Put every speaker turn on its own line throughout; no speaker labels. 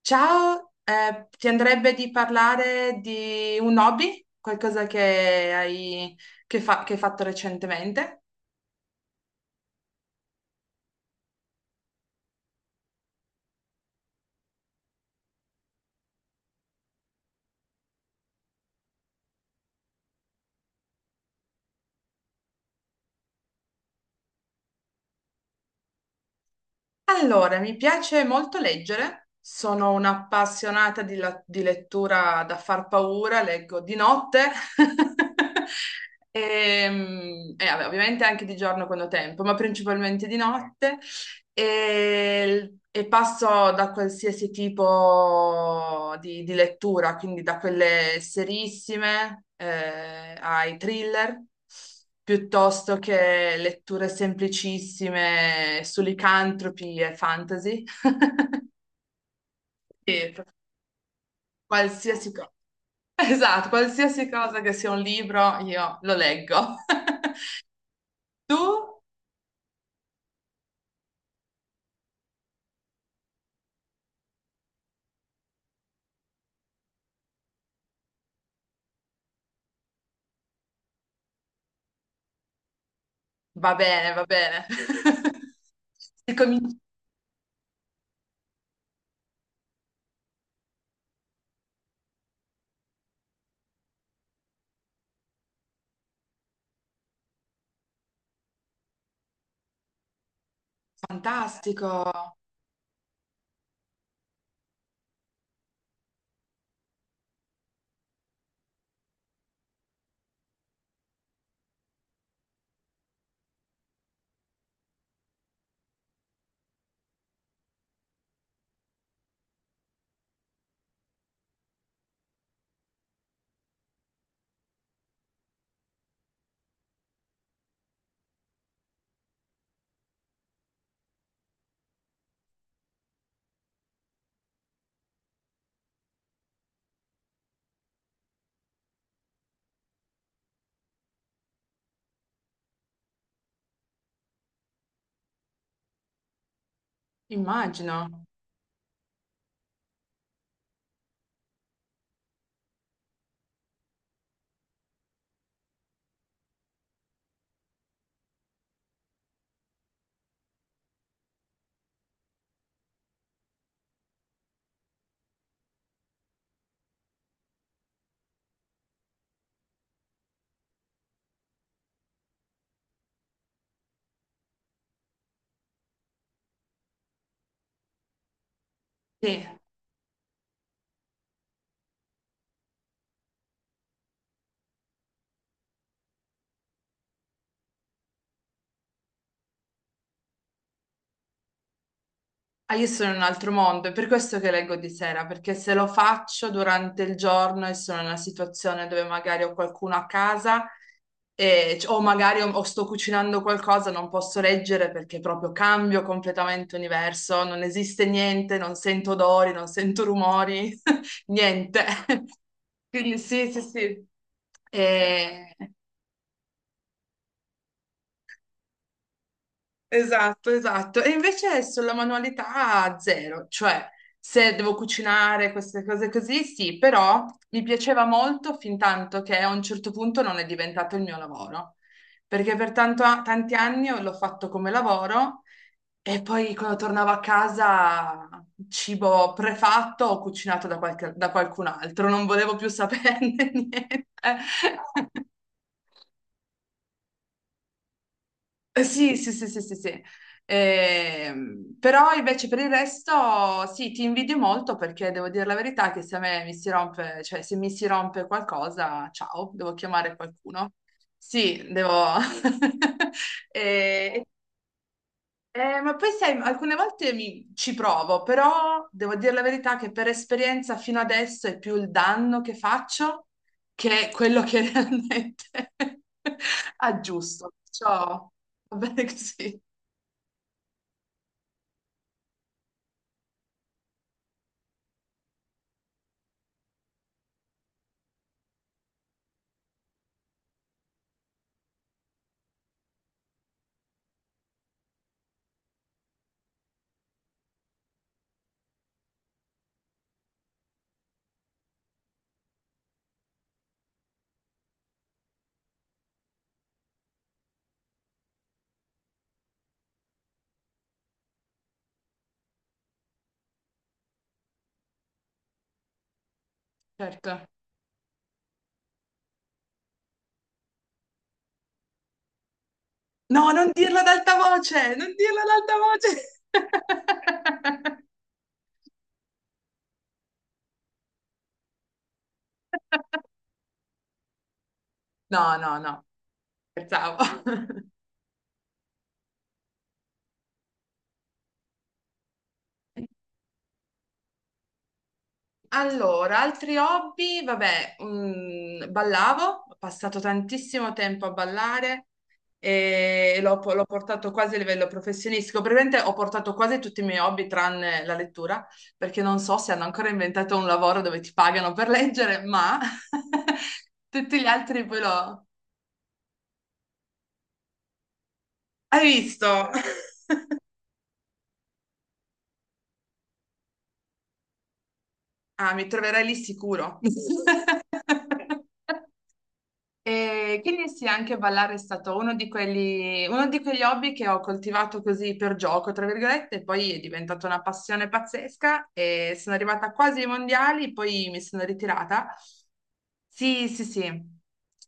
Ciao, ti andrebbe di parlare di un hobby? Qualcosa che hai, che hai fatto recentemente? Allora, mi piace molto leggere, sono un'appassionata di lettura da far paura, leggo di notte e, e vabbè, ovviamente anche di giorno quando ho tempo, ma principalmente di notte. E passo da qualsiasi tipo di lettura, quindi da quelle serissime ai thriller, piuttosto che letture semplicissime su licantropi e fantasy. E proprio qualsiasi cosa. Esatto, qualsiasi cosa che sia un libro, io lo leggo. Tu? Va bene, va bene. Si comincia- Fantastico. Immagino. Sì. Ah, io sono in un altro mondo, è per questo che leggo di sera, perché se lo faccio durante il giorno e sono in una situazione dove magari ho qualcuno a casa o o sto cucinando qualcosa, non posso leggere perché proprio cambio completamente universo, non esiste niente, non sento odori, non sento rumori, niente. Quindi sì, sì, sì. E- Esatto, esatto. E invece sulla manualità zero, cioè se devo cucinare queste cose così, sì, però mi piaceva molto fin tanto che a un certo punto non è diventato il mio lavoro, perché per tanti anni l'ho fatto come lavoro e poi quando tornavo a casa cibo prefatto o cucinato da da qualcun altro, non volevo più saperne niente. Sì, sì, sì, sì, sì, sì. Però invece per il resto sì, ti invidio molto perché devo dire la verità che se a me mi si rompe, cioè se mi si rompe qualcosa, ciao, devo chiamare qualcuno. Sì, devo... Eh, ma poi sai, alcune volte ci provo, però devo dire la verità che per esperienza fino adesso è più il danno che faccio che quello che realmente aggiusto. Perciò va bene così. Certo. No, non dirlo ad alta voce, non dirlo ad alta voce. No, no, no, scherzavo. Allora, altri hobby, vabbè, ballavo, ho passato tantissimo tempo a ballare e l'ho portato quasi a livello professionistico. Praticamente ho portato quasi tutti i miei hobby tranne la lettura, perché non so se hanno ancora inventato un lavoro dove ti pagano per leggere, ma tutti gli altri poi l'ho... Hai visto? Ah, mi troverai lì sicuro. E quindi sì, anche ballare è stato uno di quelli, uno di quegli hobby che ho coltivato così per gioco, tra virgolette, e poi è diventata una passione pazzesca e sono arrivata quasi ai mondiali, poi mi sono ritirata. Sì, sì, sì.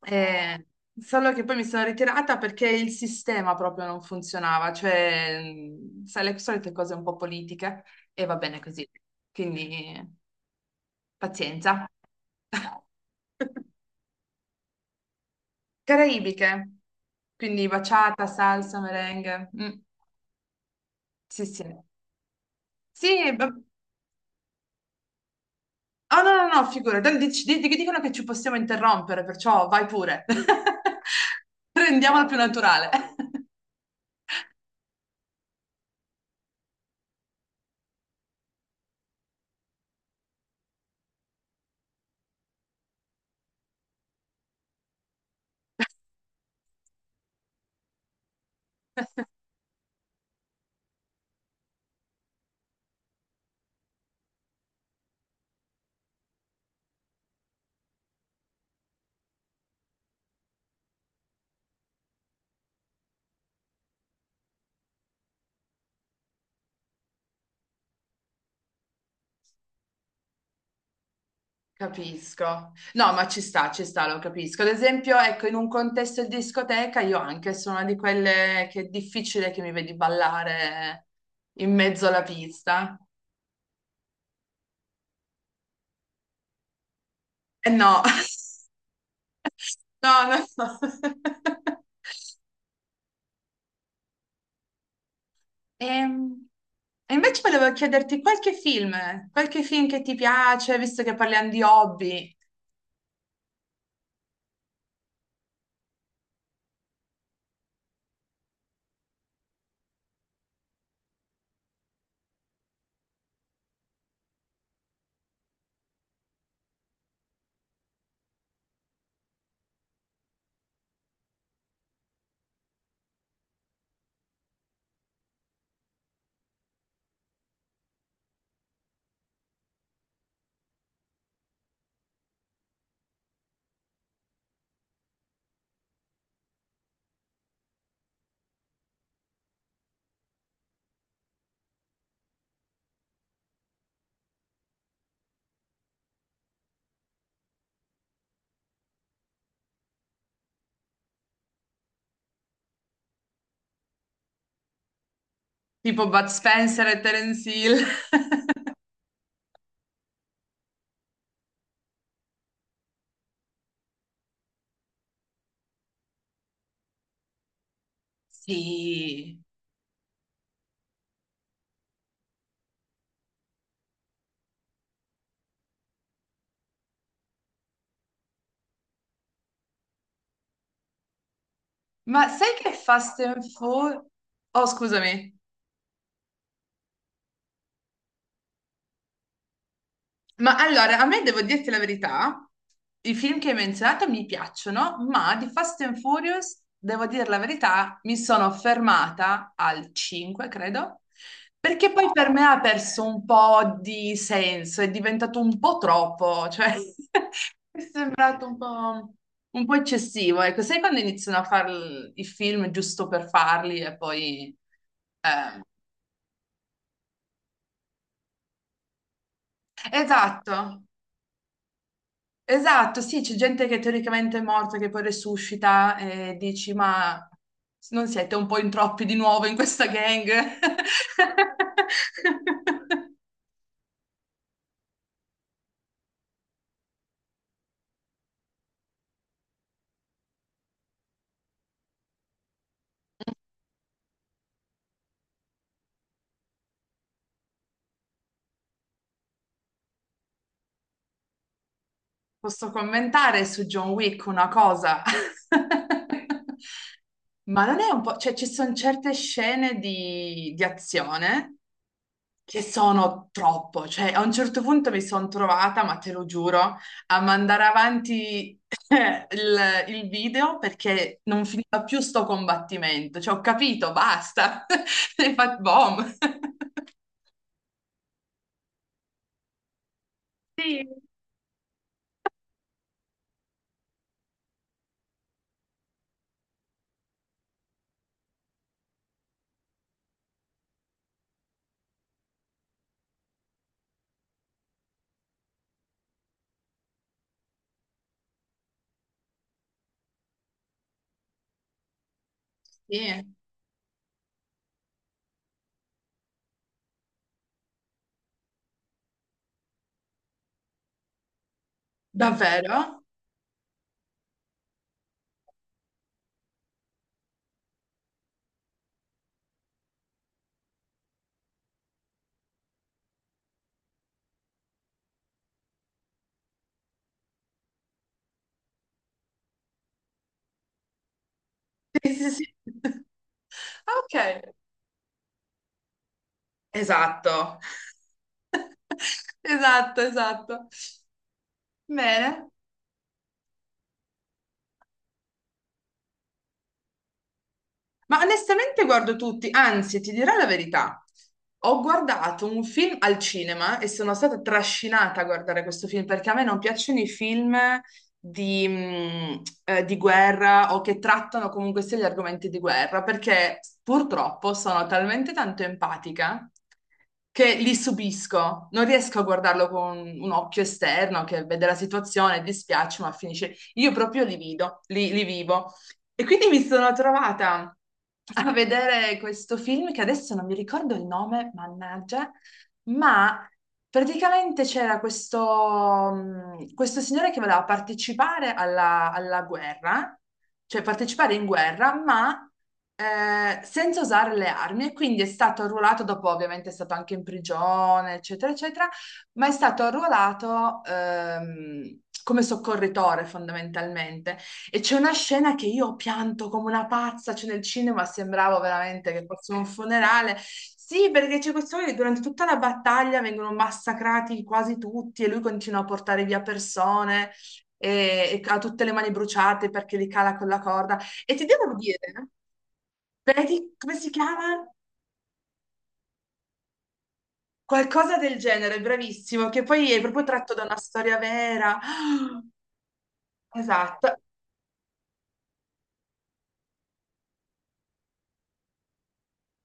Ah, eh, solo che poi mi sono ritirata perché il sistema proprio non funzionava, cioè, sai, le solite cose un po' politiche e va bene così. Quindi pazienza. Caraibiche, quindi baciata, salsa, merengue. Sì, sì. Oh no, no, no, figurati, dicono che ci possiamo interrompere, perciò vai pure. Rendiamola più naturale. Capisco. No, ma ci sta, lo capisco. Ad esempio, ecco, in un contesto di discoteca io anche sono una di quelle che è difficile che mi vedi ballare in mezzo alla pista. Eh no. No, no. Ehm, e invece volevo chiederti qualche film che ti piace, visto che parliamo di hobby, tipo Bud Spencer e Terence Hill. Sì, ma sai che Fast and Furious... Oh, scusami. Ma allora, a me devo dirti la verità, i film che hai menzionato mi piacciono, ma di Fast and Furious, devo dire la verità, mi sono fermata al 5, credo, perché poi per me ha perso un po' di senso, è diventato un po' troppo, cioè mi è sembrato un po' eccessivo. Ecco, sai quando iniziano a fare i film giusto per farli e poi... eh, esatto, esatto, sì, c'è gente che teoricamente è morta che poi resuscita e dici, ma non siete un po' in troppi di nuovo in questa gang? Posso commentare su John Wick una cosa? Ma non è un po', cioè ci sono certe scene di azione che sono troppo, cioè a un certo punto mi sono trovata, ma te lo giuro, a mandare avanti il video perché non finiva più sto combattimento, cioè ho capito, basta, hai fatto bom. Sì. Sì, davvero? Sì, sì, sì. Ok, esatto, esatto, esatto. Bene. Ma onestamente guardo tutti, anzi, ti dirò la verità. Ho guardato un film al cinema e sono stata trascinata a guardare questo film perché a me non piacciono i film di guerra o che trattano comunque sia gli argomenti di guerra perché purtroppo sono talmente tanto empatica che li subisco, non riesco a guardarlo con un occhio esterno che vede la situazione, dispiace, ma finisce. Io proprio li vedo, li vivo. E quindi mi sono trovata a vedere questo film che adesso non mi ricordo il nome, mannaggia, ma praticamente c'era questo, questo signore che voleva partecipare alla guerra, cioè partecipare in guerra, ma senza usare le armi e quindi è stato arruolato, dopo ovviamente è stato anche in prigione, eccetera, eccetera, ma è stato arruolato come soccorritore fondamentalmente. E c'è una scena che io ho pianto come una pazza, cioè nel cinema sembrava veramente che fosse un funerale. Sì, perché c'è questo che durante tutta la battaglia vengono massacrati quasi tutti e lui continua a portare via persone e ha tutte le mani bruciate perché li cala con la corda. E ti devo dire, vedi come si chiama? Qualcosa del genere, bravissimo, che poi è proprio tratto da una storia vera. Ah, esatto.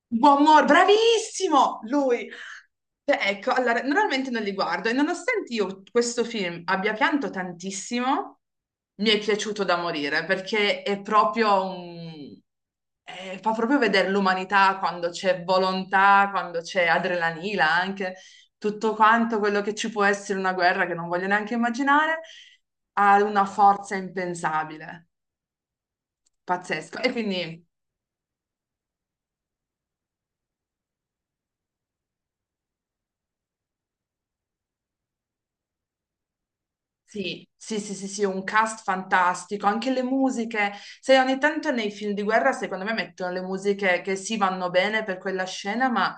Buon Mor, bravissimo! Lui. Cioè, ecco, allora, normalmente non li guardo e nonostante io questo film abbia pianto tantissimo, mi è piaciuto da morire perché è proprio un... fa proprio vedere l'umanità quando c'è volontà, quando c'è adrenalina, anche tutto quanto quello che ci può essere in una guerra che non voglio neanche immaginare, ha una forza impensabile, pazzesco. E quindi... Sì, sì, sì, sì, sì, un cast fantastico, anche le musiche, se ogni tanto nei film di guerra secondo me mettono le musiche che sì vanno bene per quella scena, ma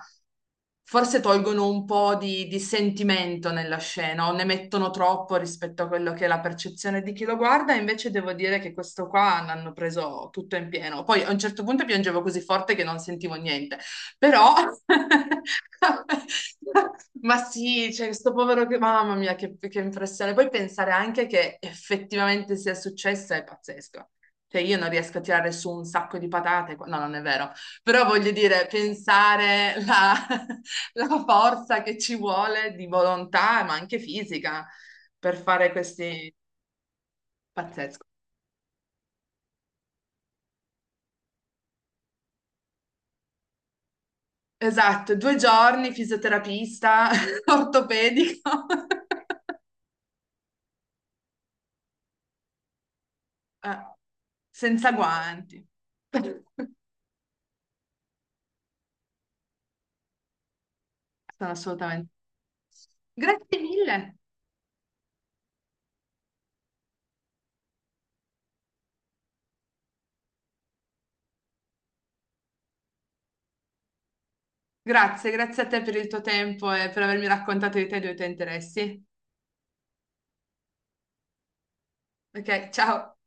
forse tolgono un po' di sentimento nella scena o ne mettono troppo rispetto a quello che è la percezione di chi lo guarda, invece devo dire che questo qua l'hanno preso tutto in pieno. Poi a un certo punto piangevo così forte che non sentivo niente. Però, ma sì, cioè, questo povero che, mamma mia, che impressione. Poi pensare anche che effettivamente sia successo è pazzesco. Cioè, io non riesco a tirare su un sacco di patate, no, non è vero, però voglio dire, pensare la, la forza che ci vuole di volontà, ma anche fisica, per fare questi... Pazzesco. Esatto, due giorni, fisioterapista, ortopedico. Eh, senza guanti. Sono assolutamente. Grazie mille. Grazie, grazie a te per il tuo tempo e per avermi raccontato di te e dei tuoi interessi. Ok, ciao.